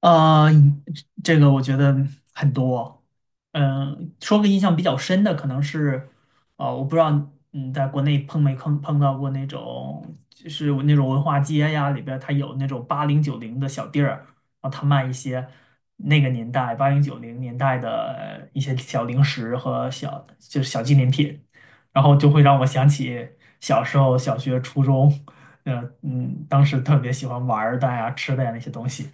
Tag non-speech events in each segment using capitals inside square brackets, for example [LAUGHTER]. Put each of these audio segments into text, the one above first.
呃，这个我觉得很多。说个印象比较深的，可能是，我不知道。嗯，在国内碰没碰到过那种，就是那种文化街呀，里边儿它有那种八零九零的小店儿，然后他卖一些那个年代八零九零年代的一些小零食和小就是小纪念品，然后就会让我想起小时候小学、初中。当时特别喜欢玩儿的呀、吃的呀那些东西。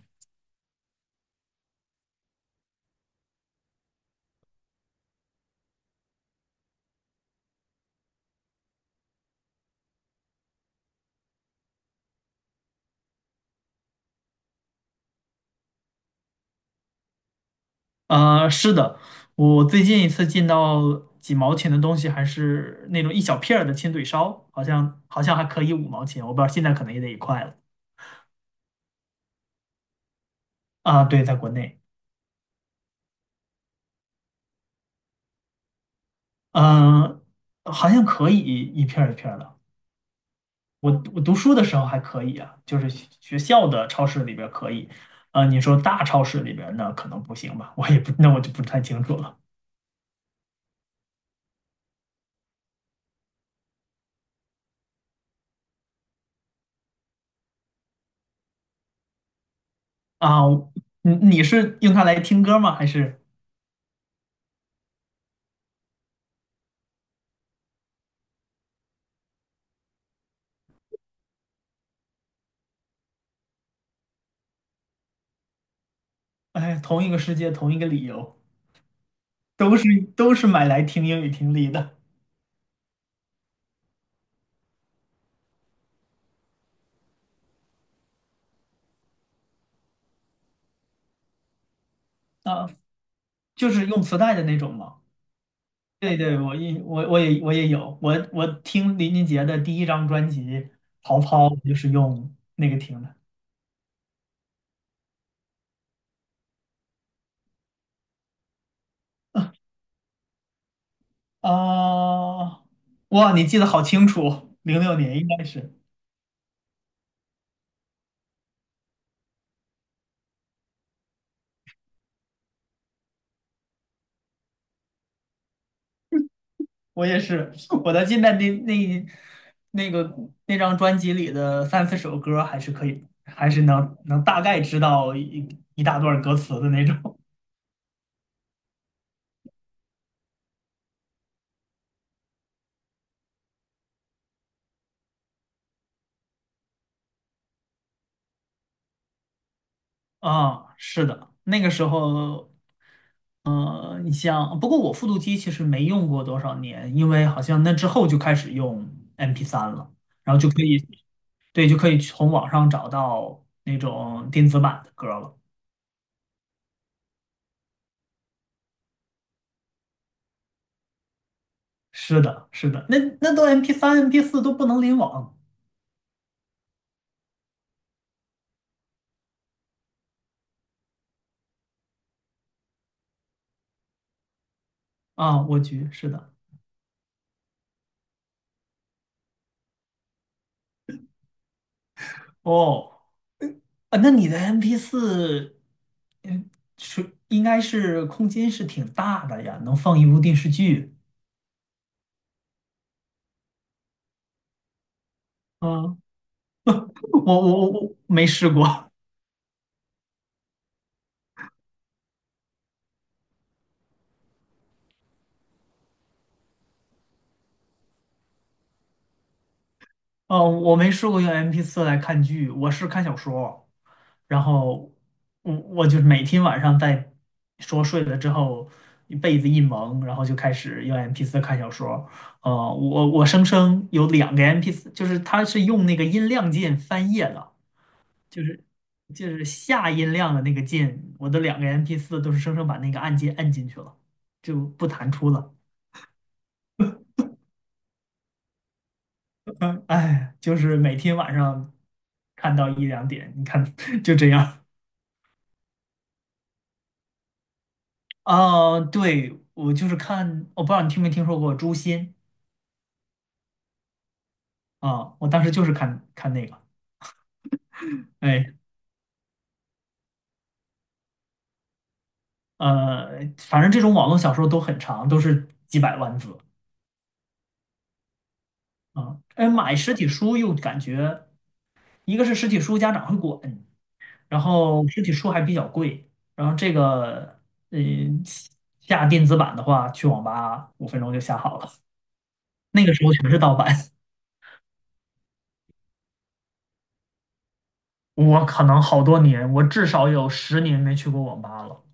是的，我最近一次进到几毛钱的东西，还是那种一小片儿的亲嘴烧，好像还可以五毛钱，我不知道现在可能也得一块了。啊，对，在国内。嗯、好像可以一片儿一片儿的。我读书的时候还可以啊，就是学校的超市里边儿可以。呃，你说大超市里边儿那可能不行吧，我也不，那我就不太清楚了。啊，你是用它来听歌吗？还是哎，同一个世界，同一个理由？都是都是买来听英语听力的。 [LAUGHS] 啊，就是用磁带的那种嘛。对对，我也有，我听林俊杰的第一张专辑《逃跑》，我就是用那个听的。啊，哇，你记得好清楚，零六年应该是我也是。[LAUGHS] 我的记得那那个那张专辑里的三四首歌还是可以，能大概知道一大段歌词的那种。[LAUGHS] 啊，是的，那个时候。你像，不过我复读机其实没用过多少年，因为好像那之后就开始用 MP3 了，然后就可以，对，就可以从网上找到那种电子版的歌了。是的，是的，那那都 MP3、MP4 都不能联网。啊，我去，是的。哦，啊，那你的 MP4,嗯，呃是应该是空间是挺大的呀，能放一部电视剧。嗯，我没试过。哦，我没试过用 m p 四来看剧，我是看小说，然后我就是每天晚上说睡了之后，被子一蒙，然后就开始用 m p 四看小说。呃，我生生有两个 m p 四，就是它是用那个音量键翻页的，就是就是下音量的那个键，我的两个 m p 四都是生生把那个按键按进去了，就不弹出了。[LAUGHS] 嗯，哎，就是每天晚上看到一两点，你看 [LAUGHS] 就这样。啊，对，我就是看，我不知道你听没听说过诛仙。啊，我当时就是看那个。哎，呃，反正这种网络小说都很长，都是几百万字啊。哎，买实体书又感觉，一个是实体书家长会管，然后实体书还比较贵，然后这个，呃，下电子版的话，去网吧五分钟就下好了，那个时候全是盗版。[LAUGHS] 我可能好多年，我至少有十年没去过网吧了。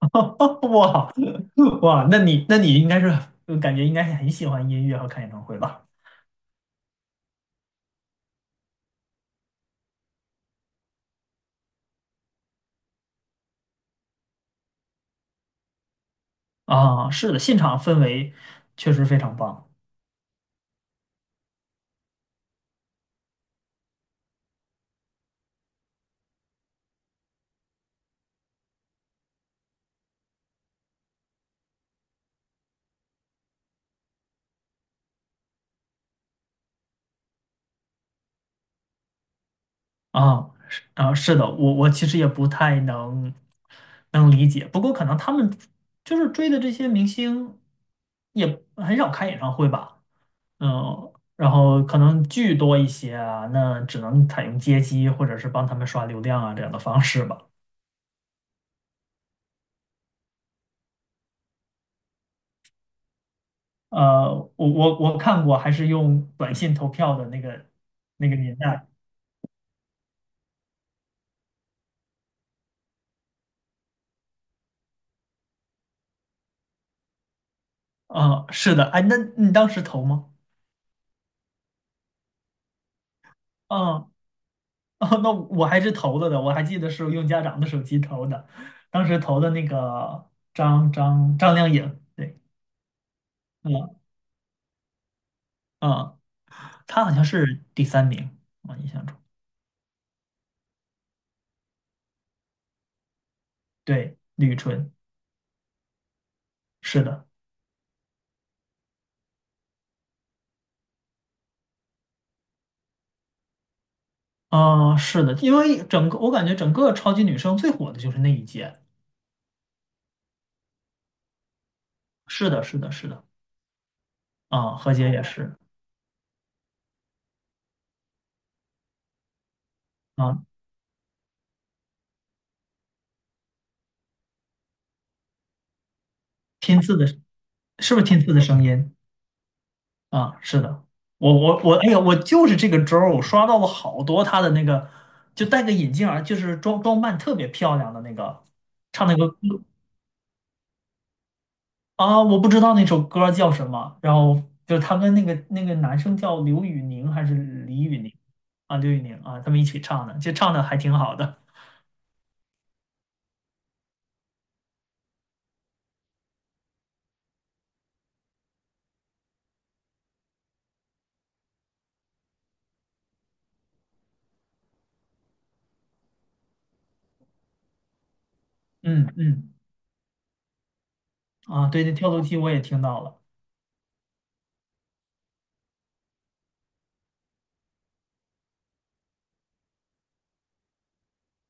[LAUGHS] 哇，哇，那你应该是就感觉应该是很喜欢音乐和看演唱会吧？啊，是的，现场氛围确实非常棒。啊，是啊，是的，我我其实也不太能理解，不过可能他们就是追的这些明星也很少开演唱会吧。嗯，然后可能剧多一些啊，那只能采用接机或者是帮他们刷流量啊这样的方式吧。我看过，还是用短信投票的那个那个年代。啊，是的，哎，那你当时投吗？啊，哦，那我还是投了的，我还记得是用家长的手机投的，当时投的那个张靓颖。对，嗯嗯，她好像是第三名，我印象中。对，吕纯。是的。啊，是的，因为我感觉整个超级女声最火的就是那一届。是的，是的，是的。啊，何洁也是。啊，拼字的。是不是天赐的声音？啊？是的，我，哎呀，我就是这个周儿我刷到了好多他的那个，就戴个眼镜儿，就是装扮特别漂亮的那个，唱那个歌。啊，我不知道那首歌叫什么，然后就是他跟那个男生叫刘宇宁还是李宇宁？啊？刘宇宁啊，他们一起唱的，就唱的还挺好的。嗯嗯，啊，对，那跳楼机我也听到了。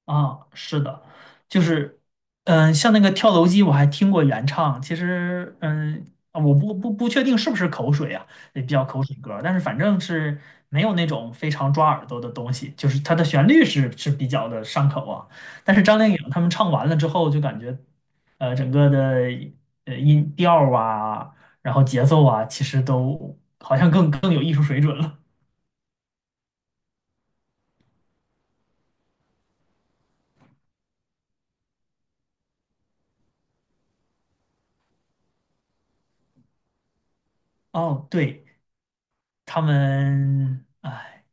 啊，是的，就是，嗯，像那个跳楼机，我还听过原唱。其实，嗯，啊，我不确定是不是口水啊，也比较口水歌儿，但是反正是没有那种非常抓耳朵的东西，就是它的旋律是比较的上口啊。但是张靓颖他们唱完了之后，就感觉，呃，整个的呃音调儿啊，然后节奏啊，其实都好像更有艺术水准了。哦，对。他们哎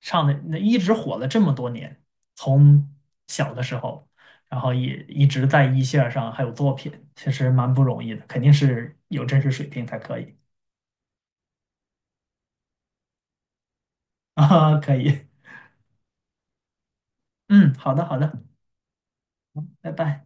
唱的那一直火了这么多年，从小的时候，然后也一直在一线儿上还有作品，其实蛮不容易的，肯定是有真实水平才可以。 [LAUGHS] 啊，可以，嗯，好的好的，拜拜。